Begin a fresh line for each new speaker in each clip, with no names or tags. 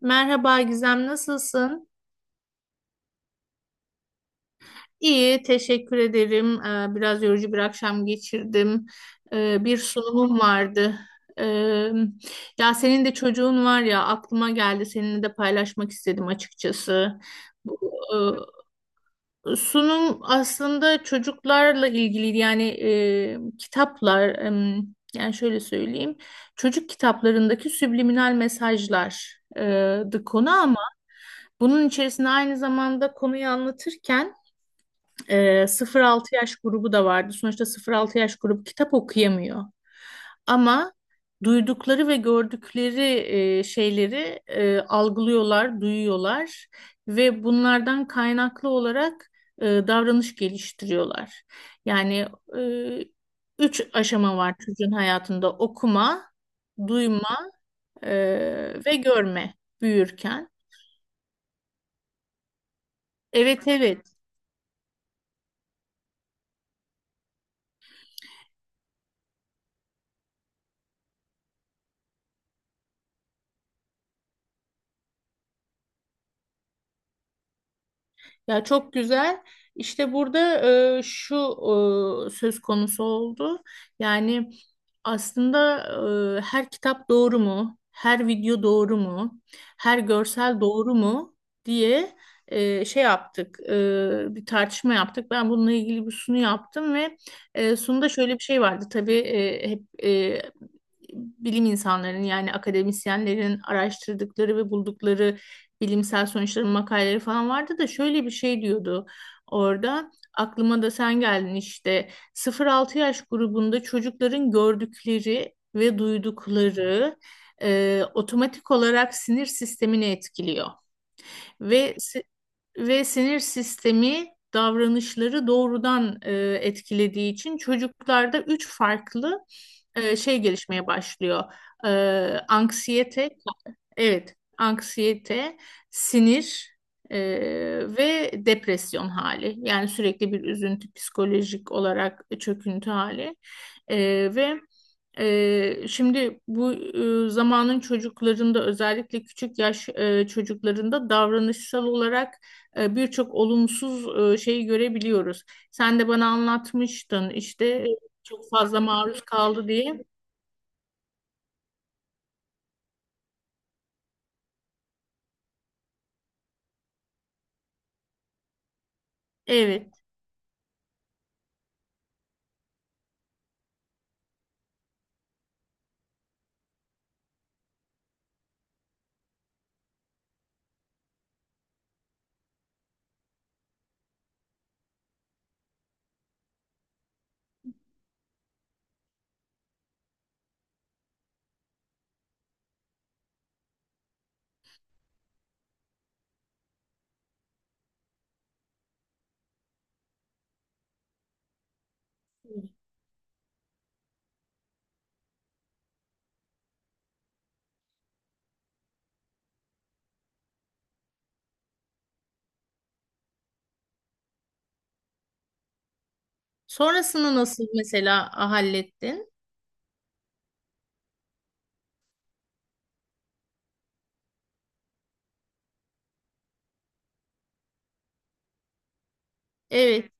Merhaba Gizem, nasılsın? İyi, teşekkür ederim. Biraz yorucu bir akşam geçirdim. Bir sunumum vardı. Ee, Ya senin de çocuğun var ya, aklıma geldi. Seninle de paylaşmak istedim açıkçası. Bu, sunum aslında çocuklarla ilgiliydi. Yani kitaplar, yani şöyle söyleyeyim. Çocuk kitaplarındaki subliminal mesajlardı konu. Bunun içerisinde aynı zamanda konuyu anlatırken e, 0-6 yaş grubu da vardı. Sonuçta 0-6 yaş grubu kitap okuyamıyor. Ama duydukları ve gördükleri şeyleri algılıyorlar, duyuyorlar ve bunlardan kaynaklı olarak davranış geliştiriyorlar. Yani e, üç aşama var çocuğun hayatında: okuma, duyma e, ve görme büyürken. Evet, evet. Ya çok güzel. İşte burada şu söz konusu oldu. Yani aslında her kitap doğru mu? Her video doğru mu? Her görsel doğru mu? Diye şey yaptık. Bir tartışma yaptık. Ben bununla ilgili bir sunu yaptım ve sunuda şöyle bir şey vardı. Tabii hep bilim insanlarının yani akademisyenlerin araştırdıkları ve buldukları bilimsel sonuçların makaleleri falan vardı da şöyle bir şey diyordu orada. Aklıma da sen geldin işte, 0-6 yaş grubunda çocukların gördükleri ve duydukları otomatik olarak sinir sistemini etkiliyor. Ve si- ve sinir sistemi davranışları doğrudan etkilediği için çocuklarda üç farklı şey gelişmeye başlıyor. E, Anksiyete. Evet, anksiyete, sinir, e, ve depresyon hali. Yani sürekli bir üzüntü, psikolojik olarak çöküntü hali. E, Ve şimdi bu zamanın çocuklarında, özellikle küçük yaş çocuklarında davranışsal olarak birçok olumsuz şeyi görebiliyoruz. Sen de bana anlatmıştın işte, çok fazla maruz kaldı diye. Evet. Sonrasını nasıl mesela hallettin? Evet,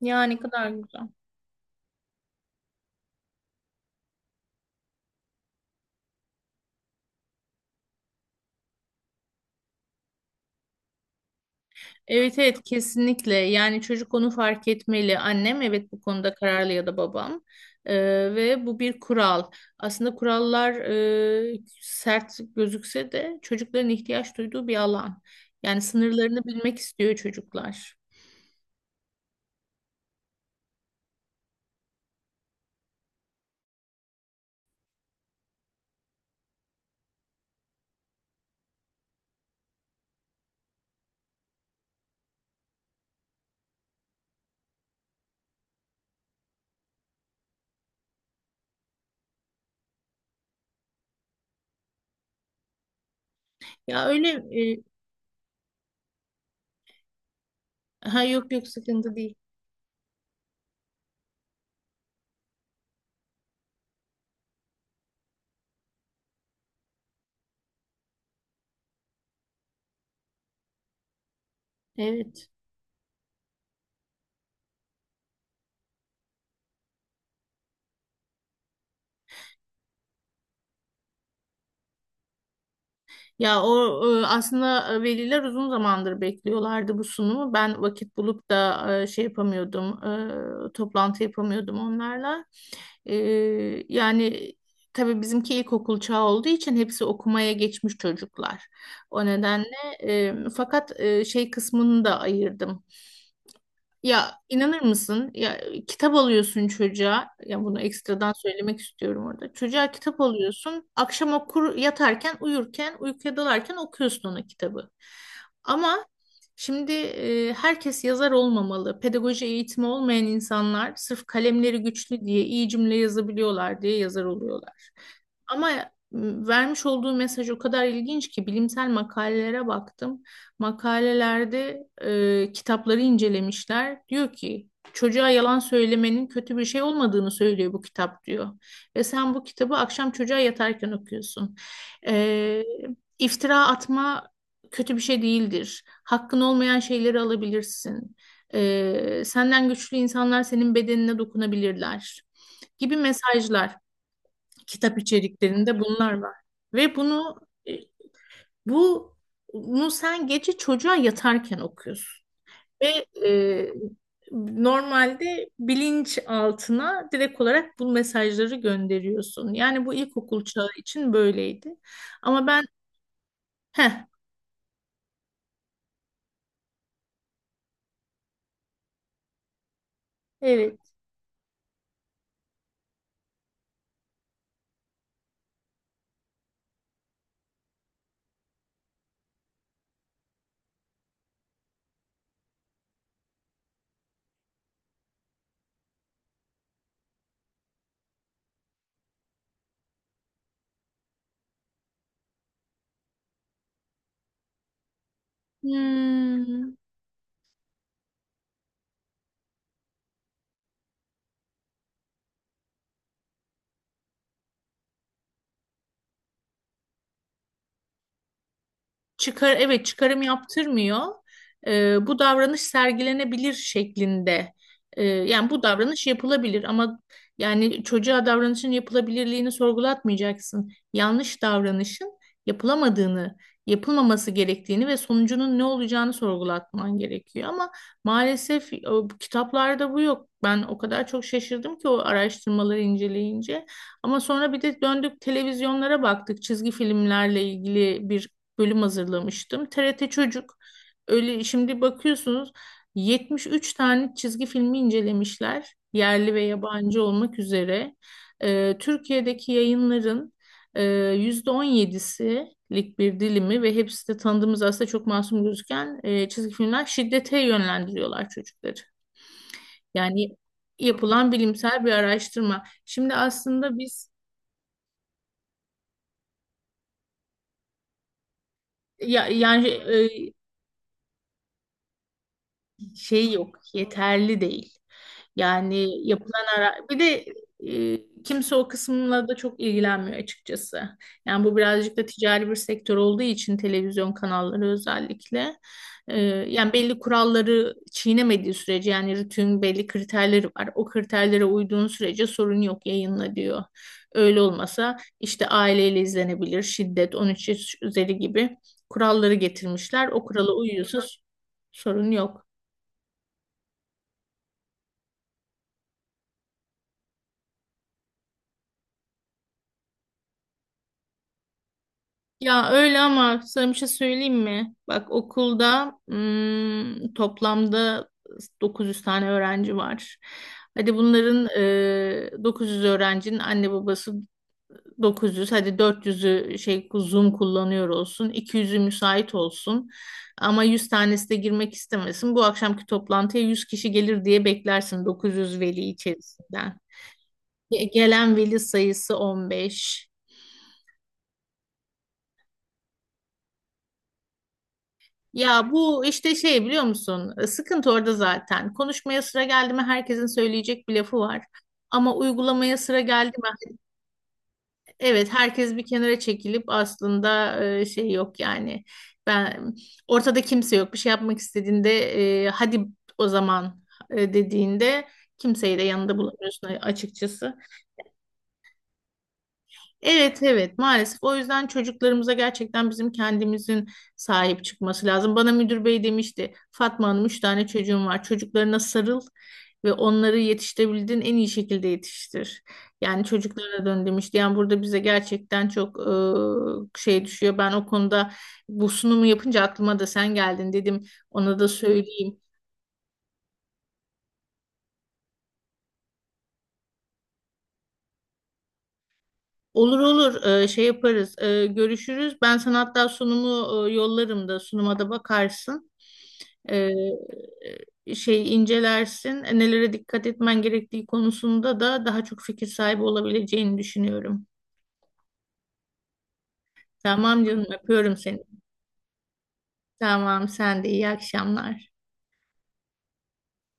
yani ne kadar güzel. Evet, evet, kesinlikle yani çocuk onu fark etmeli. Annem, evet, bu konuda kararlı, ya da babam. Ee, Ve bu bir kural. Aslında kurallar sert gözükse de çocukların ihtiyaç duyduğu bir alan. Yani sınırlarını bilmek istiyor çocuklar. Ya öyle, e, ha yok yok, sıkıntı değil. Evet. Ya o aslında veliler uzun zamandır bekliyorlardı bu sunumu. Ben vakit bulup da şey yapamıyordum, toplantı yapamıyordum onlarla. E, Yani tabii bizimki ilkokul çağı olduğu için hepsi okumaya geçmiş çocuklar. O nedenle fakat şey kısmını da ayırdım. Ya inanır mısın? Ya kitap alıyorsun çocuğa. Ya bunu ekstradan söylemek istiyorum orada. Çocuğa kitap alıyorsun. Akşam okur yatarken, uyurken, uykuya dalarken okuyorsun ona kitabı. Ama şimdi herkes yazar olmamalı. Pedagoji eğitimi olmayan insanlar sırf kalemleri güçlü diye, iyi cümle yazabiliyorlar diye yazar oluyorlar. Ama vermiş olduğu mesaj o kadar ilginç ki, bilimsel makalelere baktım, makalelerde kitapları incelemişler. Diyor ki, çocuğa yalan söylemenin kötü bir şey olmadığını söylüyor bu kitap, diyor. Ve sen bu kitabı akşam çocuğa yatarken okuyorsun. E, iftira atma kötü bir şey değildir. Hakkın olmayan şeyleri alabilirsin. Senden güçlü insanlar senin bedenine dokunabilirler gibi mesajlar. Kitap içeriklerinde bunlar var. Ve bunu e, bu bunu sen gece çocuğa yatarken okuyorsun. Ve e, normalde bilinç altına direkt olarak bu mesajları gönderiyorsun. Yani bu ilkokul çağı için böyleydi. Ama ben, heh, evet. Hmm. Evet, çıkarım yaptırmıyor. Bu davranış sergilenebilir şeklinde. Yani bu davranış yapılabilir, ama yani çocuğa davranışın yapılabilirliğini sorgulatmayacaksın. Yanlış davranışın yapılamadığını, yapılmaması gerektiğini ve sonucunun ne olacağını sorgulatman gerekiyor. Ama maalesef bu kitaplarda bu yok. Ben o kadar çok şaşırdım ki o araştırmaları inceleyince. Ama sonra bir de döndük televizyonlara baktık. Çizgi filmlerle ilgili bir bölüm hazırlamıştım. TRT Çocuk, öyle şimdi bakıyorsunuz, 73 tane çizgi filmi incelemişler. Yerli ve yabancı olmak üzere. Türkiye'deki yayınların e, %17'silik bir dilimi, ve hepsi de tanıdığımız aslında çok masum gözüken çizgi filmler şiddete yönlendiriyorlar çocukları. Yani yapılan bilimsel bir araştırma. Şimdi aslında biz, ya, yani şey yok, yeterli değil. Yani yapılan ara, bir de kimse o kısımla da çok ilgilenmiyor açıkçası. Yani bu birazcık da ticari bir sektör olduğu için televizyon kanalları özellikle yani belli kuralları çiğnemediği sürece, yani RTÜK'ün belli kriterleri var. O kriterlere uyduğun sürece sorun yok, yayınla diyor. Öyle olmasa, işte aileyle izlenebilir, şiddet 13 yaş üzeri gibi kuralları getirmişler. O kurala uyuyorsa sorun yok. Ya öyle, ama sana bir şey söyleyeyim mi? Bak, okulda, toplamda 900 tane öğrenci var. Hadi bunların, 900 öğrencinin anne babası, 900. Hadi 400'ü şey Zoom kullanıyor olsun. 200'ü müsait olsun. Ama 100 tanesi de girmek istemesin. Bu akşamki toplantıya 100 kişi gelir diye beklersin 900 veli içerisinden. Gelen veli sayısı 15. Ya bu işte şey, biliyor musun? Sıkıntı orada zaten. Konuşmaya sıra geldi mi, herkesin söyleyecek bir lafı var. Ama uygulamaya sıra geldi mi? Evet, herkes bir kenara çekilip, aslında şey yok yani. Ben, ortada kimse yok. Bir şey yapmak istediğinde hadi o zaman dediğinde, kimseyi de yanında bulamıyorsun açıkçası. Evet, evet, maalesef, o yüzden çocuklarımıza gerçekten bizim kendimizin sahip çıkması lazım. Bana müdür bey demişti: Fatma Hanım, üç tane çocuğum var, çocuklarına sarıl ve onları yetiştirebildiğin en iyi şekilde yetiştir. Yani çocuklara dön, demişti. Yani burada bize gerçekten çok şey düşüyor. Ben o konuda, bu sunumu yapınca aklıma da sen geldin, dedim ona da söyleyeyim. Olur, olur. Şey yaparız. Görüşürüz. Ben sana hatta sunumu yollarım da sunuma da bakarsın. Ee, Şey incelersin. Nelere dikkat etmen gerektiği konusunda da daha çok fikir sahibi olabileceğini düşünüyorum. Tamam canım, öpüyorum seni. Tamam, sen de iyi akşamlar.